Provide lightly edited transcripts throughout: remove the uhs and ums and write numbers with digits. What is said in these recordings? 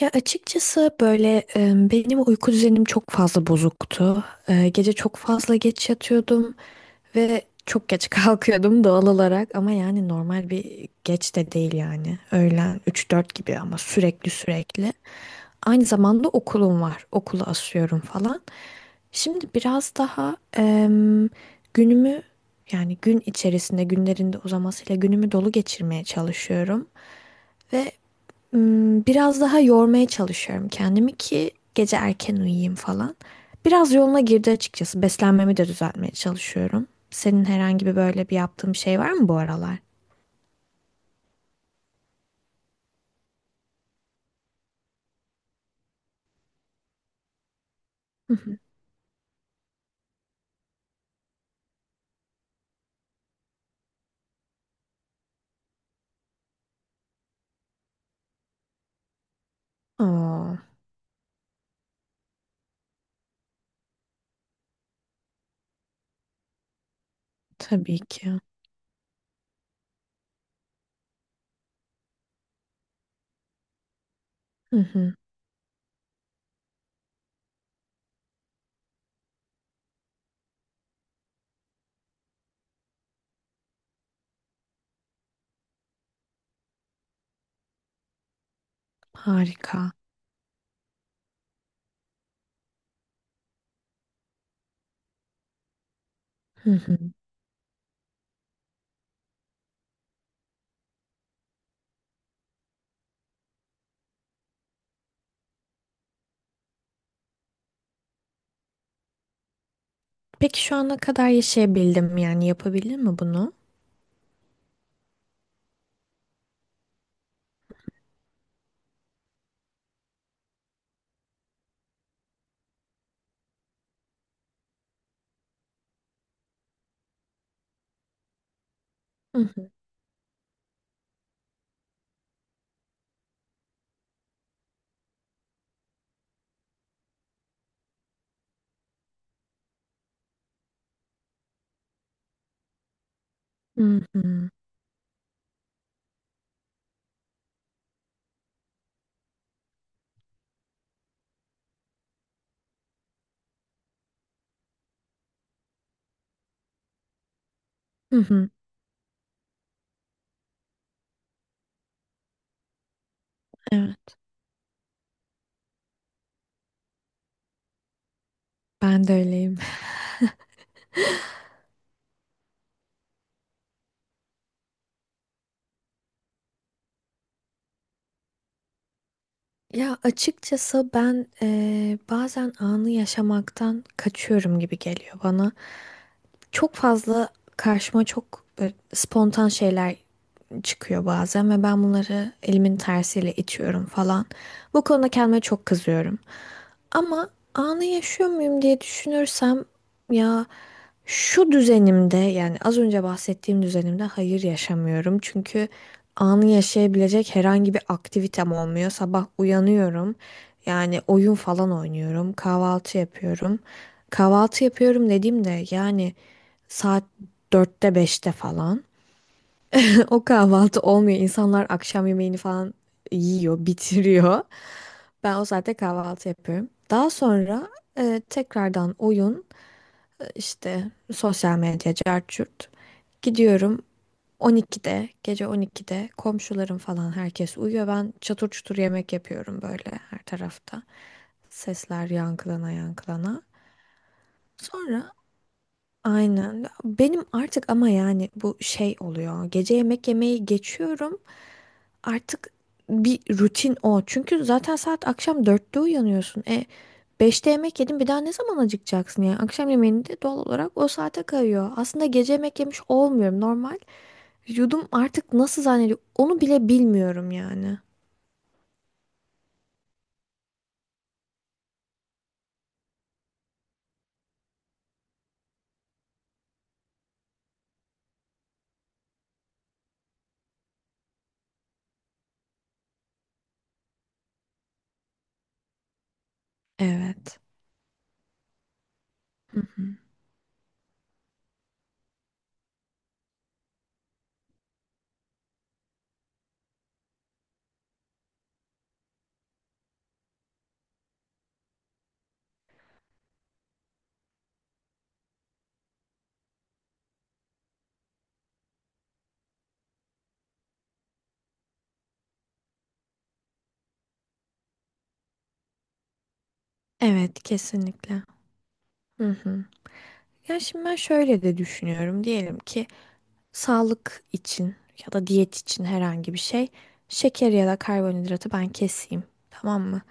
Ya açıkçası böyle benim uyku düzenim çok fazla bozuktu. Gece çok fazla geç yatıyordum ve çok geç kalkıyordum doğal olarak ama yani normal bir geç de değil yani. Öğlen üç dört gibi ama sürekli sürekli. Aynı zamanda okulum var. Okulu asıyorum falan. Şimdi biraz daha günümü yani gün içerisinde günlerinde uzamasıyla günümü dolu geçirmeye çalışıyorum. Ve biraz daha yormaya çalışıyorum kendimi ki gece erken uyuyayım falan. Biraz yoluna girdi açıkçası. Beslenmemi de düzeltmeye çalışıyorum. Senin herhangi bir böyle bir yaptığın bir şey var mı bu aralar? Hı hı. Oo, tabii ki. Hı hı. Harika. Hı hı. Peki şu ana kadar yaşayabildim mi? Yani yapabildin mi bunu? Hı hı. Hı hı. Hı hı. Evet, ben de öyleyim. Ya açıkçası ben bazen anı yaşamaktan kaçıyorum gibi geliyor bana. Çok fazla karşıma çok böyle spontan şeyler çıkıyor bazen ve ben bunları elimin tersiyle itiyorum falan. Bu konuda kendime çok kızıyorum. Ama anı yaşıyor muyum diye düşünürsem ya şu düzenimde yani az önce bahsettiğim düzenimde hayır yaşamıyorum. Çünkü anı yaşayabilecek herhangi bir aktivitem olmuyor. Sabah uyanıyorum. Yani oyun falan oynuyorum. Kahvaltı yapıyorum. Kahvaltı yapıyorum dediğimde yani saat dörtte beşte falan. O kahvaltı olmuyor. İnsanlar akşam yemeğini falan yiyor, bitiriyor. Ben o saatte kahvaltı yapıyorum. Daha sonra tekrardan oyun, işte sosyal medya, cart curt. Gidiyorum 12'de, gece 12'de komşularım falan herkes uyuyor. Ben çatır çutur yemek yapıyorum böyle her tarafta. Sesler yankılana yankılana. Sonra aynen. Benim artık ama yani bu şey oluyor. Gece yemek yemeyi geçiyorum. Artık bir rutin o. Çünkü zaten saat akşam dörtte uyanıyorsun. Beşte yemek yedin bir daha ne zaman acıkacaksın yani? Akşam yemeğini de doğal olarak o saate kayıyor. Aslında gece yemek yemiş olmuyorum normal. Vücudum artık nasıl zannediyor onu bile bilmiyorum yani. Evet. Hı hı. Evet, kesinlikle. Hı hı. Ya şimdi ben şöyle de düşünüyorum. Diyelim ki sağlık için ya da diyet için herhangi bir şey şeker ya da karbonhidratı ben keseyim. Tamam mı?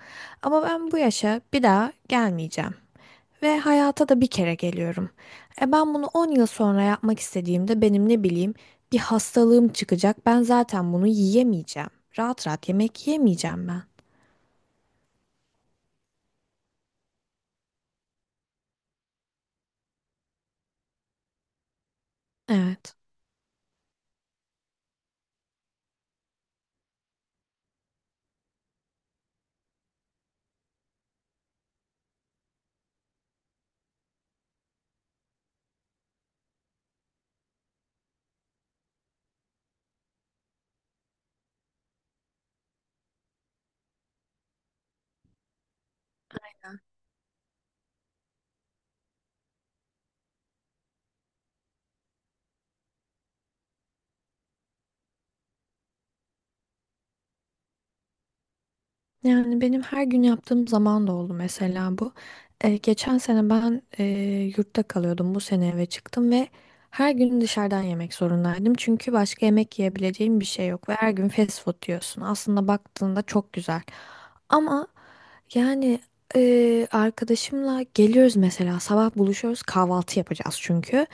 Ama ben bu yaşa bir daha gelmeyeceğim. Ve hayata da bir kere geliyorum. E ben bunu 10 yıl sonra yapmak istediğimde benim ne bileyim bir hastalığım çıkacak. Ben zaten bunu yiyemeyeceğim. Rahat rahat yemek yemeyeceğim ben. Evet. Yani benim her gün yaptığım zaman da oldu mesela bu. Geçen sene ben yurtta kalıyordum. Bu sene eve çıktım ve her gün dışarıdan yemek zorundaydım. Çünkü başka yemek yiyebileceğim bir şey yok ve her gün fast food diyorsun. Aslında baktığında çok güzel. Ama yani arkadaşımla geliyoruz mesela sabah buluşuyoruz kahvaltı yapacağız çünkü.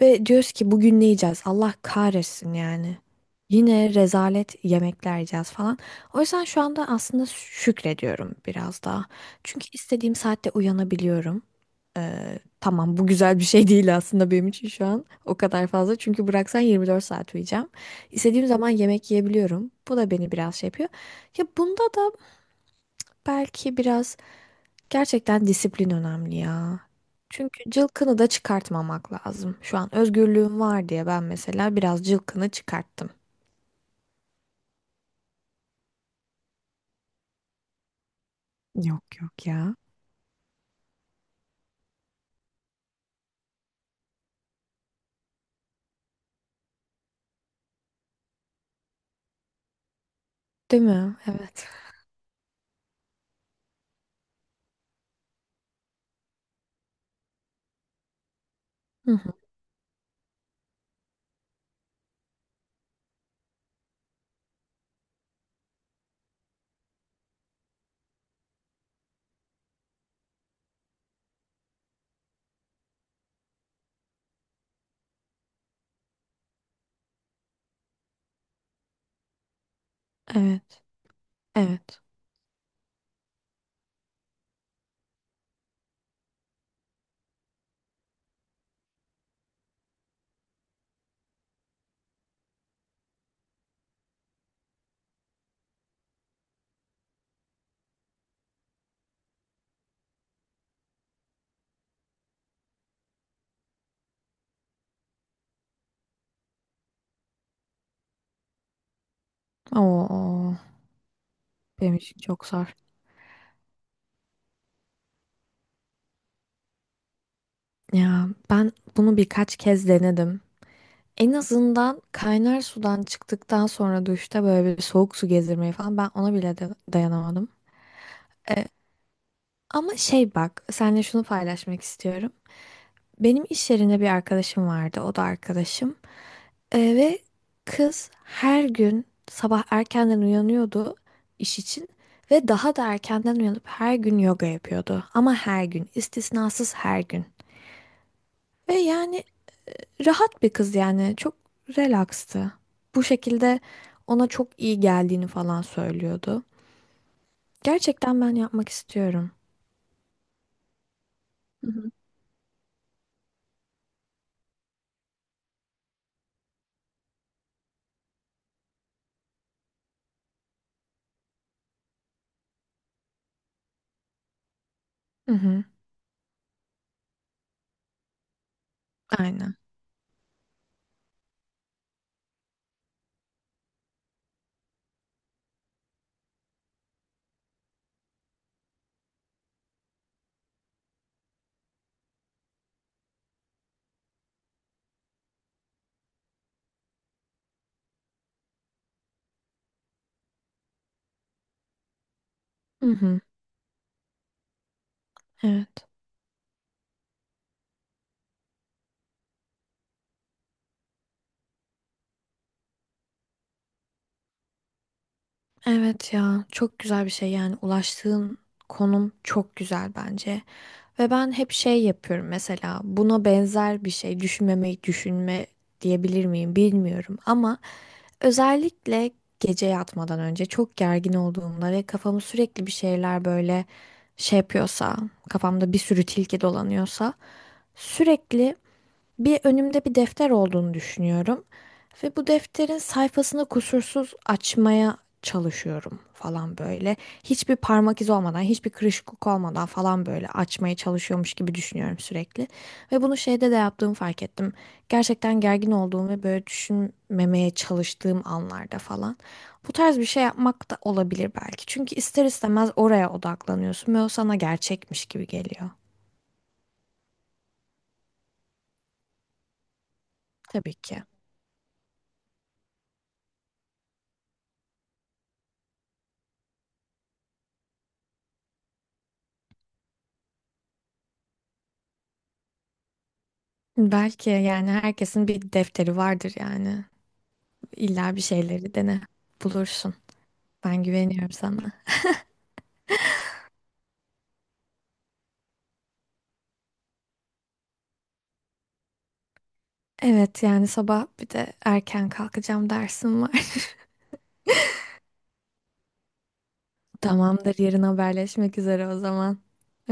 Ve diyoruz ki bugün ne yiyeceğiz? Allah kahretsin yani. Yine rezalet yemekler yiyeceğiz falan. O yüzden şu anda aslında şükrediyorum biraz daha. Çünkü istediğim saatte uyanabiliyorum. Tamam, bu güzel bir şey değil aslında benim için şu an. O kadar fazla. Çünkü bıraksan 24 saat uyuyacağım. İstediğim zaman yemek yiyebiliyorum. Bu da beni biraz şey yapıyor. Ya bunda da belki biraz gerçekten disiplin önemli ya. Çünkü cılkını da çıkartmamak lazım. Şu an özgürlüğüm var diye ben mesela biraz cılkını çıkarttım. Yok yok ya. Değil mi? Evet. Hı hı. Evet. Evet. Oo, benim için çok zor. Ya ben bunu birkaç kez denedim. En azından kaynar sudan çıktıktan sonra duşta böyle bir soğuk su gezdirmeyi falan ben ona bile dayanamadım. E, Ama şey bak, seninle şunu paylaşmak istiyorum. Benim iş yerinde bir arkadaşım vardı, o da arkadaşım. Ve kız her gün sabah erkenden uyanıyordu iş için ve daha da erkenden uyanıp her gün yoga yapıyordu. Ama her gün, istisnasız her gün. Ve yani rahat bir kız yani çok relaxtı. Bu şekilde ona çok iyi geldiğini falan söylüyordu. Gerçekten ben yapmak istiyorum. Hı hı. Aynen. Hı hı. Evet. Evet ya çok güzel bir şey yani ulaştığın konum çok güzel bence. Ve ben hep şey yapıyorum mesela buna benzer bir şey düşünmemeyi düşünme diyebilir miyim bilmiyorum ama özellikle gece yatmadan önce çok gergin olduğumda ve kafamı sürekli bir şeyler böyle şey yapıyorsa kafamda bir sürü tilki dolanıyorsa sürekli bir önümde bir defter olduğunu düşünüyorum ve bu defterin sayfasını kusursuz açmaya çalışıyorum falan böyle. Hiçbir parmak izi olmadan, hiçbir kırışıklık olmadan falan böyle açmaya çalışıyormuş gibi düşünüyorum sürekli. Ve bunu şeyde de yaptığımı fark ettim. Gerçekten gergin olduğum ve böyle düşünmemeye çalıştığım anlarda falan. Bu tarz bir şey yapmak da olabilir belki. Çünkü ister istemez oraya odaklanıyorsun ve o sana gerçekmiş gibi geliyor. Tabii ki. Belki yani herkesin bir defteri vardır yani. İlla bir şeyleri dene bulursun. Ben güveniyorum sana. Evet yani sabah bir de erken kalkacağım dersim var. Tamamdır, yarın haberleşmek üzere o zaman.